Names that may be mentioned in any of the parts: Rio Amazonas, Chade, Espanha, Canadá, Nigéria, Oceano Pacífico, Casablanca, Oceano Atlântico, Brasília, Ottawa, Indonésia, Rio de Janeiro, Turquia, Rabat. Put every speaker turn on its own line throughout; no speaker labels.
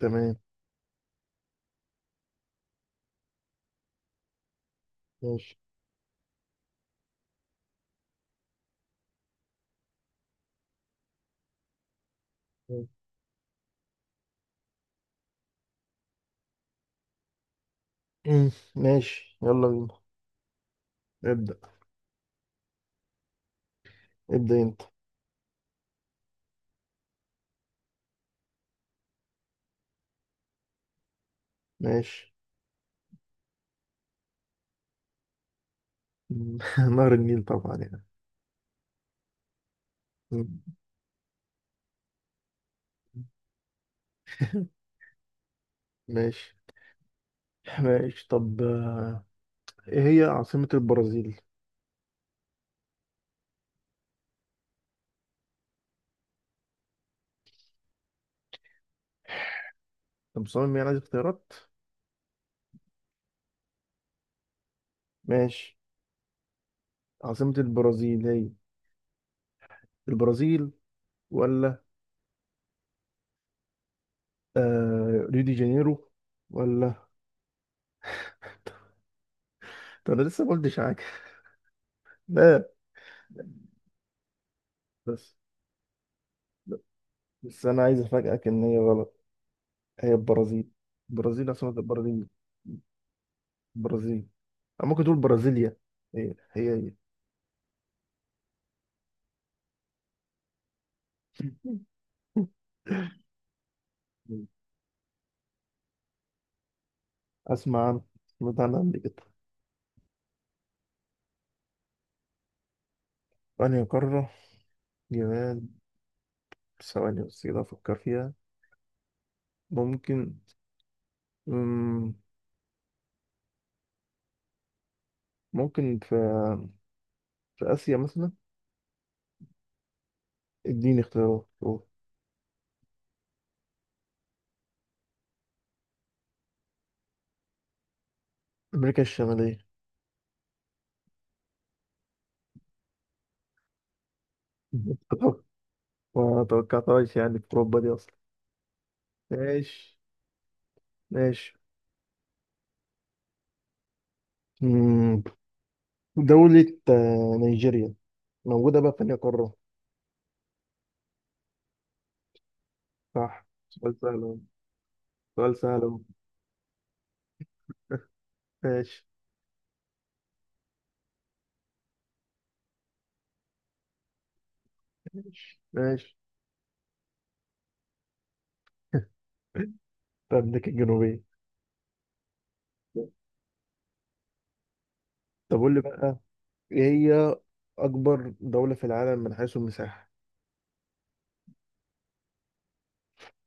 تمام. ماشي. مم. ماشي، يلا بينا. ابدأ. ابدأ انت. ماشي. مم. نهر النيل طبعا يعني. مم. ماشي. ماشي طب ايه هي عاصمة البرازيل؟ طب مصمم يعني عايز اختيارات؟ ماشي. عاصمة البرازيل هي البرازيل، ولا ريو دي جانيرو، ولا طب انا لسه ما قلتش حاجة. لا. بس بس انا عايز افاجئك ان هي غلط. هي البرازيل. البرازيل. عاصمة البرازيل البرازيل. أو ممكن تقول برازيليا. هي. مم. أسمع عنها سمعت عنها قبل كده. أنهي قارة. جمال. ثواني بس كده أفكر فيها. ممكن، مم، ممكن في آسيا مثلا. اديني اختيارات شوف. أمريكا الشمالية. ما توقعتهاش يعني في أوروبا دي أصلا. ماشي. ماشي. مم، دولة نيجيريا موجودة بقى في أنهي قارة. صح، سؤال سهل أهو. سؤال سهل أهو. ماشي. ماشي. ماشي. في أمريكا الجنوبية. طب قول لي بقى إيه هي أكبر دولة في العالم من حيث المساحة.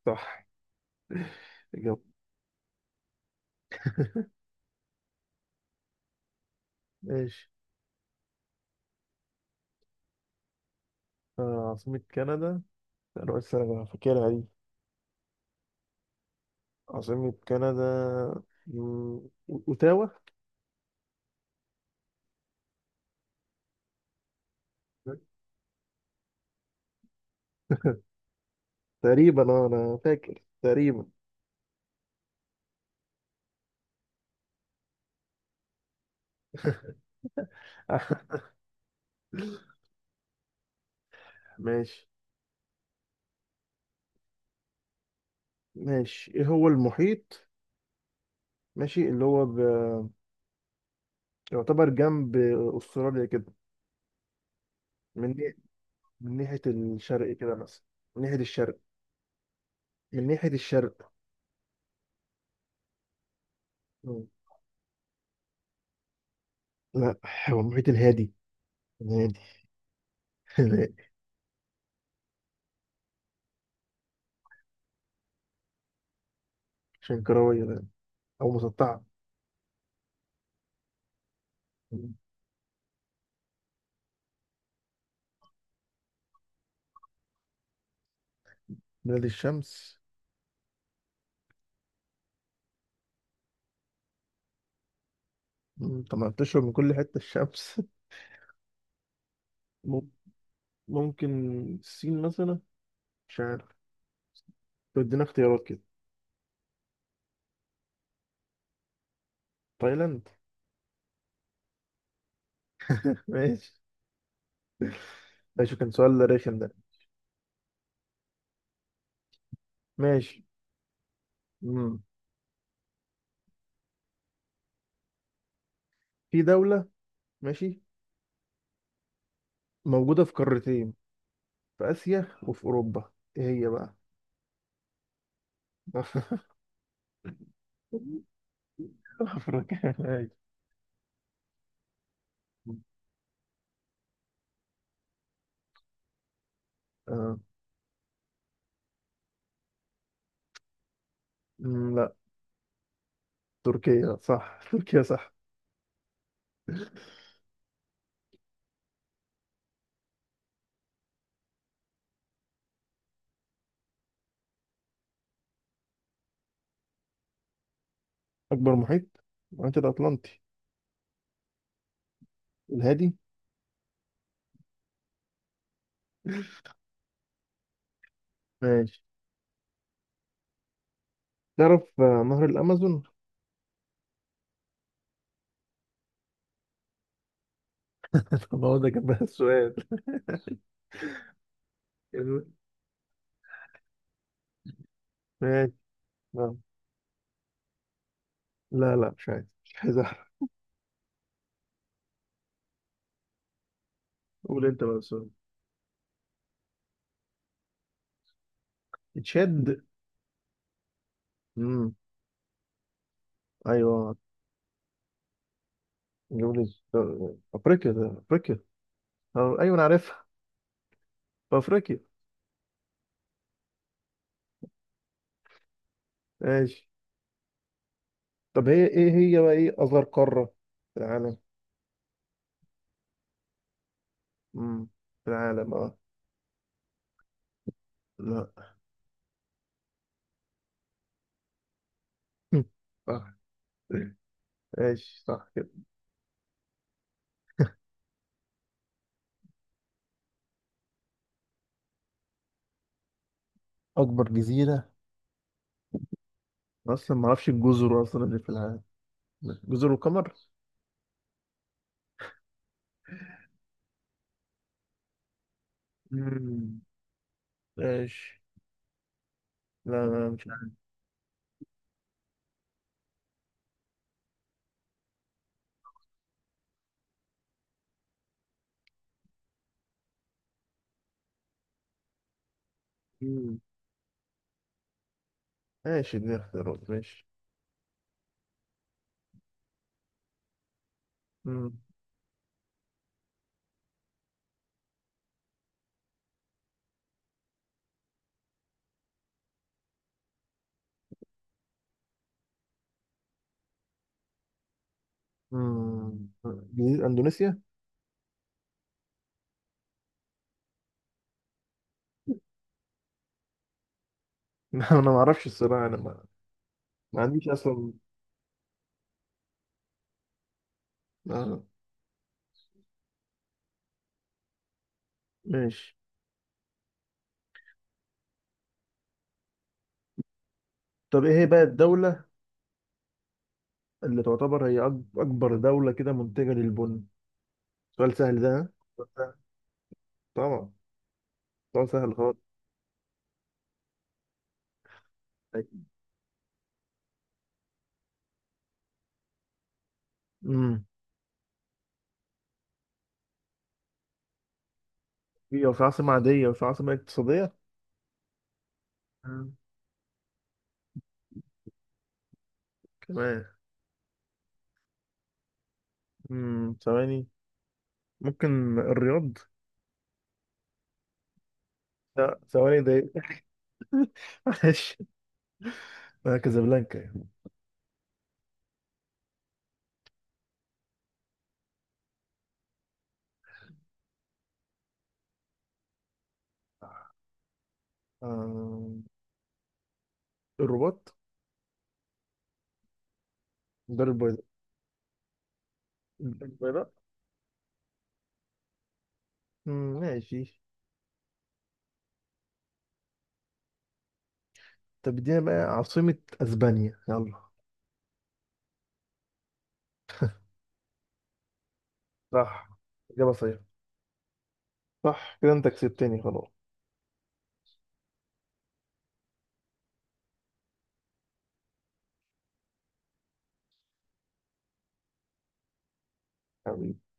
صح. إجابة. ماشي. عاصمة كندا. أنا قلت أنا فاكرها دي. عاصمة كندا، مم، أوتاوا. تقريبا، أنا فاكر تقريبا. ماشي. ماشي، إيه هو المحيط، ماشي، اللي هو يعتبر جنب أستراليا كده. من ناحية من ناحية الشرق كده مثلا. من ناحية الشرق. من ناحية الشرق. مم. لا، هو المحيط الهادي. نادي. نادي. عشان كروية ده. أو مسطعة. نادي الشمس. طب ما بتشرب من كل حتة الشمس. مم- ممكن الصين مثلا، مش عارف. طب ادينا اختيارات كده. تايلاند. ماشي. ماشي كان سؤال رخم ده. ماشي. مم. في دولة. ماشي، موجودة في قارتين، في آسيا وفي أوروبا. إيه هي بقى؟ أفريقيا ماشي. آه. لا، تركيا صح، تركيا صح. أكبر محيط، المحيط الأطلنطي. الهادي. ماشي. تعرف نهر الأمازون؟ ما هو ده كان بقى السؤال. ماشي. لا. لا، لا، مش عايز، مش عايز أعرف. قول انت بقى السؤال. تشاد. امم ايوه، جملة، افريقيا، ده افريقيا. أه، ايوه انا عارفها، في افريقيا. ماشي. طب هي بقى ايه اصغر قارة في العالم. امم في العالم، اه. لا. صح. ماشي صح كده. اكبر جزيرة. أنا اصلا ما اعرفش الجزر اصلا اللي في العالم. جزر القمر. مم. ماشي. لا، لا، مش عارف. مم. ماشي دي اختيارات، ماشي. مم. مم. جزيرة أندونيسيا؟ لا، أنا ما أعرفش الصراحة. أنا ما, ما عنديش أصلا. آه. ماشي. طب إيه هي بقى الدولة اللي تعتبر هي أكبر دولة كده منتجة للبن؟ سؤال سهل ده، ها؟ سؤال سهل. طبعا. سؤال سهل خالص. امم في عاصمة عادية وفي عاصمة اقتصادية. مم. كمان. ثواني. ممكن الرياض. لا، ثواني ده. معلش. كازابلانكا. آه. الرباط. الدار البيضاء. الدار البيضاء. مم. ماشي. طب ادينا بقى عاصمة اسبانيا، يلا. صح. اجابة صحيحة. صح كده، انت كسبتني خلاص. حبيبي.